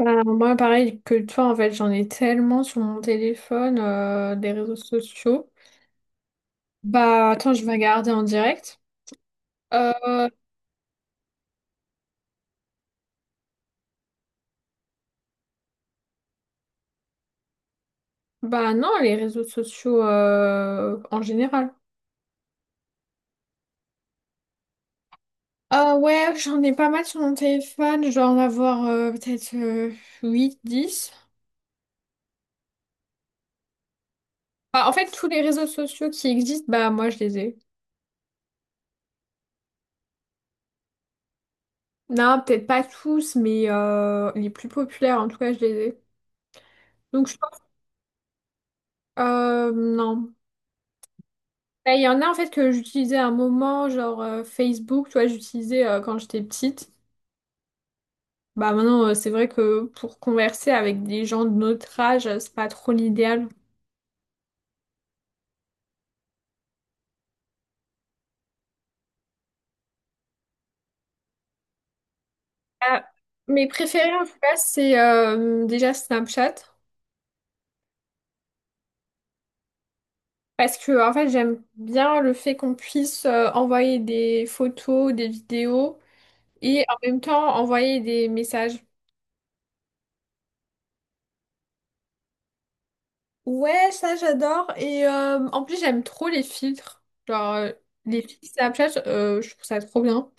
Moi, pareil que toi, en fait, j'en ai tellement sur mon téléphone, des réseaux sociaux. Bah, attends, je vais regarder en direct. Euh, bah non, les réseaux sociaux en général. Ah ouais, j'en ai pas mal sur mon téléphone. Je dois en avoir peut-être 8-10. Bah, en fait, tous les réseaux sociaux qui existent, bah moi, je les ai. Non, peut-être pas tous, mais les plus populaires, en tout cas, je les ai. Donc, je... pense- non. Bah, il y en a en fait que j'utilisais à un moment, genre Facebook, tu vois, j'utilisais quand j'étais petite. Bah maintenant, c'est vrai que pour converser avec des gens de notre âge, c'est pas trop l'idéal. Ah, mes préférés en tout cas, c'est déjà Snapchat. Parce que en fait, j'aime bien le fait qu'on puisse envoyer des photos, des vidéos et en même temps envoyer des messages. Ouais, ça j'adore. Et en plus, j'aime trop les filtres. Genre, euh, les filtres Snapchat, je trouve ça trop bien.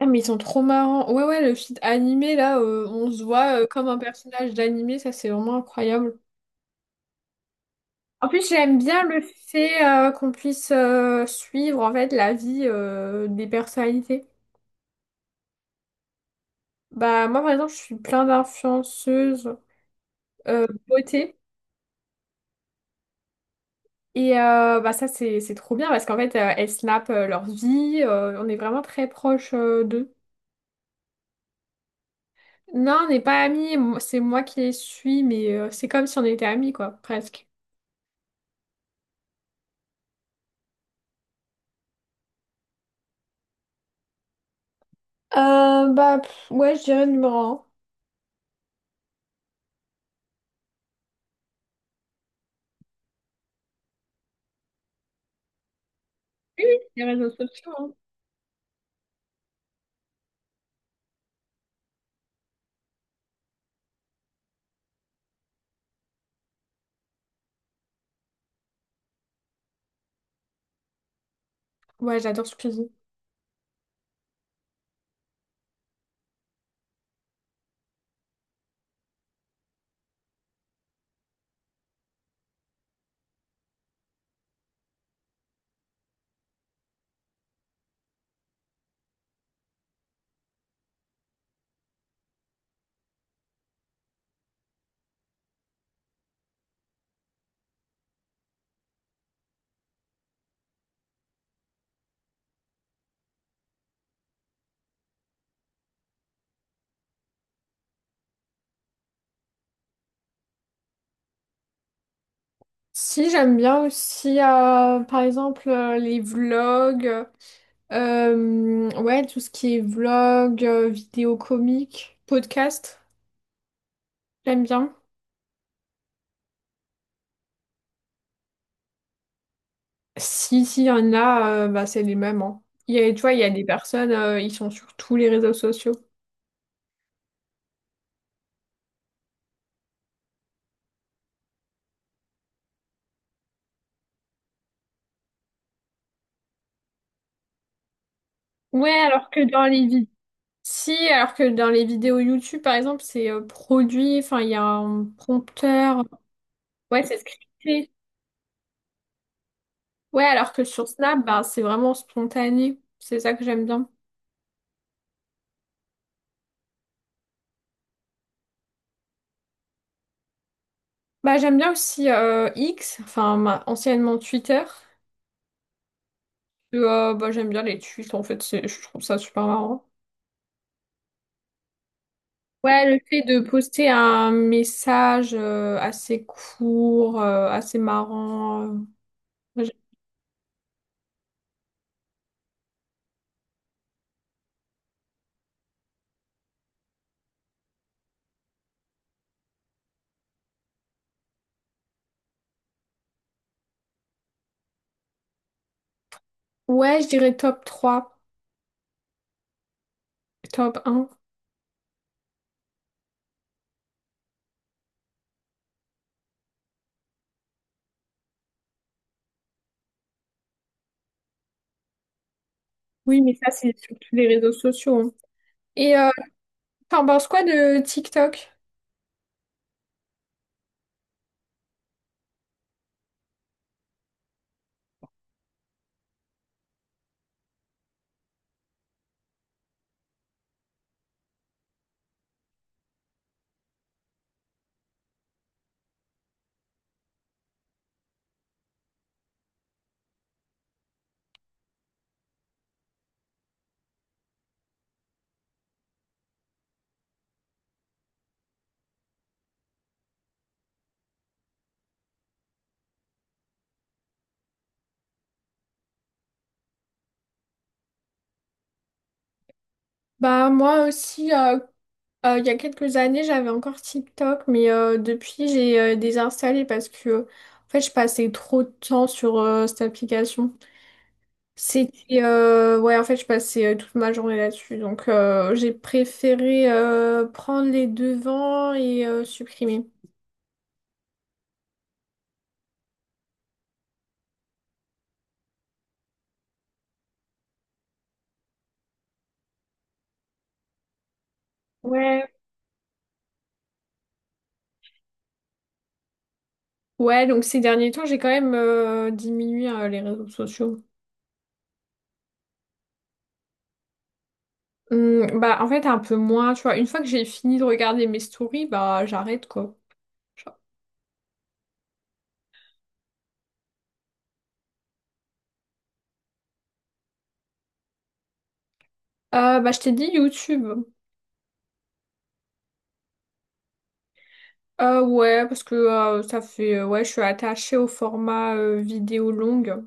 Ah, mais ils sont trop marrants. Ouais, ouais, le feed animé, là, on se voit comme un personnage d'animé, ça, c'est vraiment incroyable. En plus, j'aime bien le fait qu'on puisse suivre, en fait, la vie des personnalités. Bah, moi, par exemple, je suis plein d'influenceuses beauté. Et bah, ça, c'est trop bien parce qu'en fait, elles snapent leur vie. On est vraiment très proche d'eux. Non, on n'est pas amis. C'est moi qui les suis, mais c'est comme si on était amis, quoi, presque. Ouais, je dirais numéro 1. Oui, oui, les réseaux sociaux, hein. Ouais, j'adore Squeezie. Si, j'aime bien aussi, par exemple, les vlogs. Ouais, tout ce qui est vlog, vidéo comique, podcast. J'aime bien. Si, s'il y en a, bah, c'est les mêmes, hein. Il y a, tu vois, il y a des personnes, ils sont sur tous les réseaux sociaux. Ouais, alors que dans les vies. Si, alors que dans les vidéos YouTube, par exemple, c'est produit, enfin, il y a un prompteur. Ouais, c'est scripté. Ouais, alors que sur Snap, bah, c'est vraiment spontané. C'est ça que j'aime bien. Bah, j'aime bien aussi X, anciennement Twitter. Bah, j'aime bien les tweets, en fait, je trouve ça super marrant. Ouais, le fait de poster un message assez court, assez marrant. Moi, j'ai- Ouais, je dirais top trois, top un. Oui, mais ça, c'est sur tous les réseaux sociaux, hein. Et euh, t'en penses quoi de TikTok? Bah, moi aussi, il y a quelques années, j'avais encore TikTok, mais depuis, j'ai désinstallé parce que en fait, je passais trop de temps sur cette application. C'était ouais, en fait, je passais toute ma journée là-dessus, donc j'ai préféré prendre les devants et supprimer. Ouais. Ouais, donc ces derniers temps, j'ai quand même diminué les réseaux sociaux. Bah, en fait, un peu moins, tu vois. Une fois que j'ai fini de regarder mes stories, bah, j'arrête, quoi. Genre. Bah, je t'ai dit YouTube. Ouais, parce que ça fait. Ouais, je suis attachée au format vidéo longue.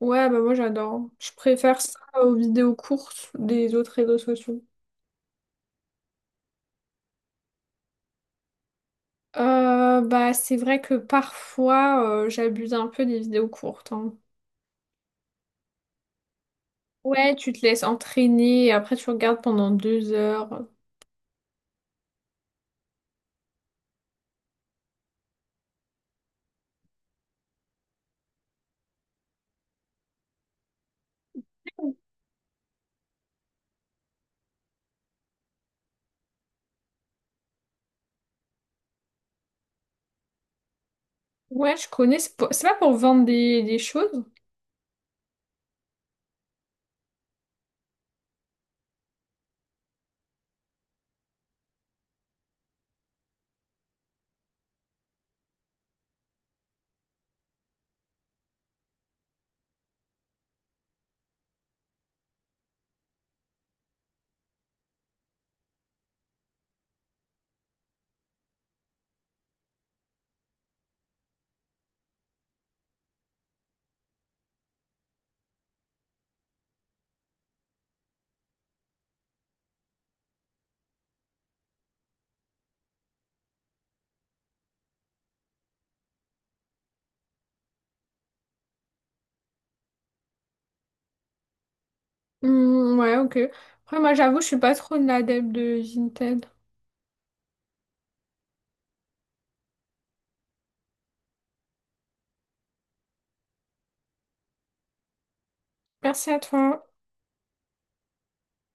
Ouais, bah moi j'adore. Je préfère ça aux vidéos courtes des autres réseaux sociaux. Bah c'est vrai que parfois j'abuse un peu des vidéos courtes, hein. Ouais, tu te laisses entraîner et après tu regardes pendant 2 heures. Ouais, je connais. C'est pas pour vendre des choses. Hmm, ouais, ok. Après, moi j'avoue, je suis pas trop une adepte de Vinted. Merci à toi.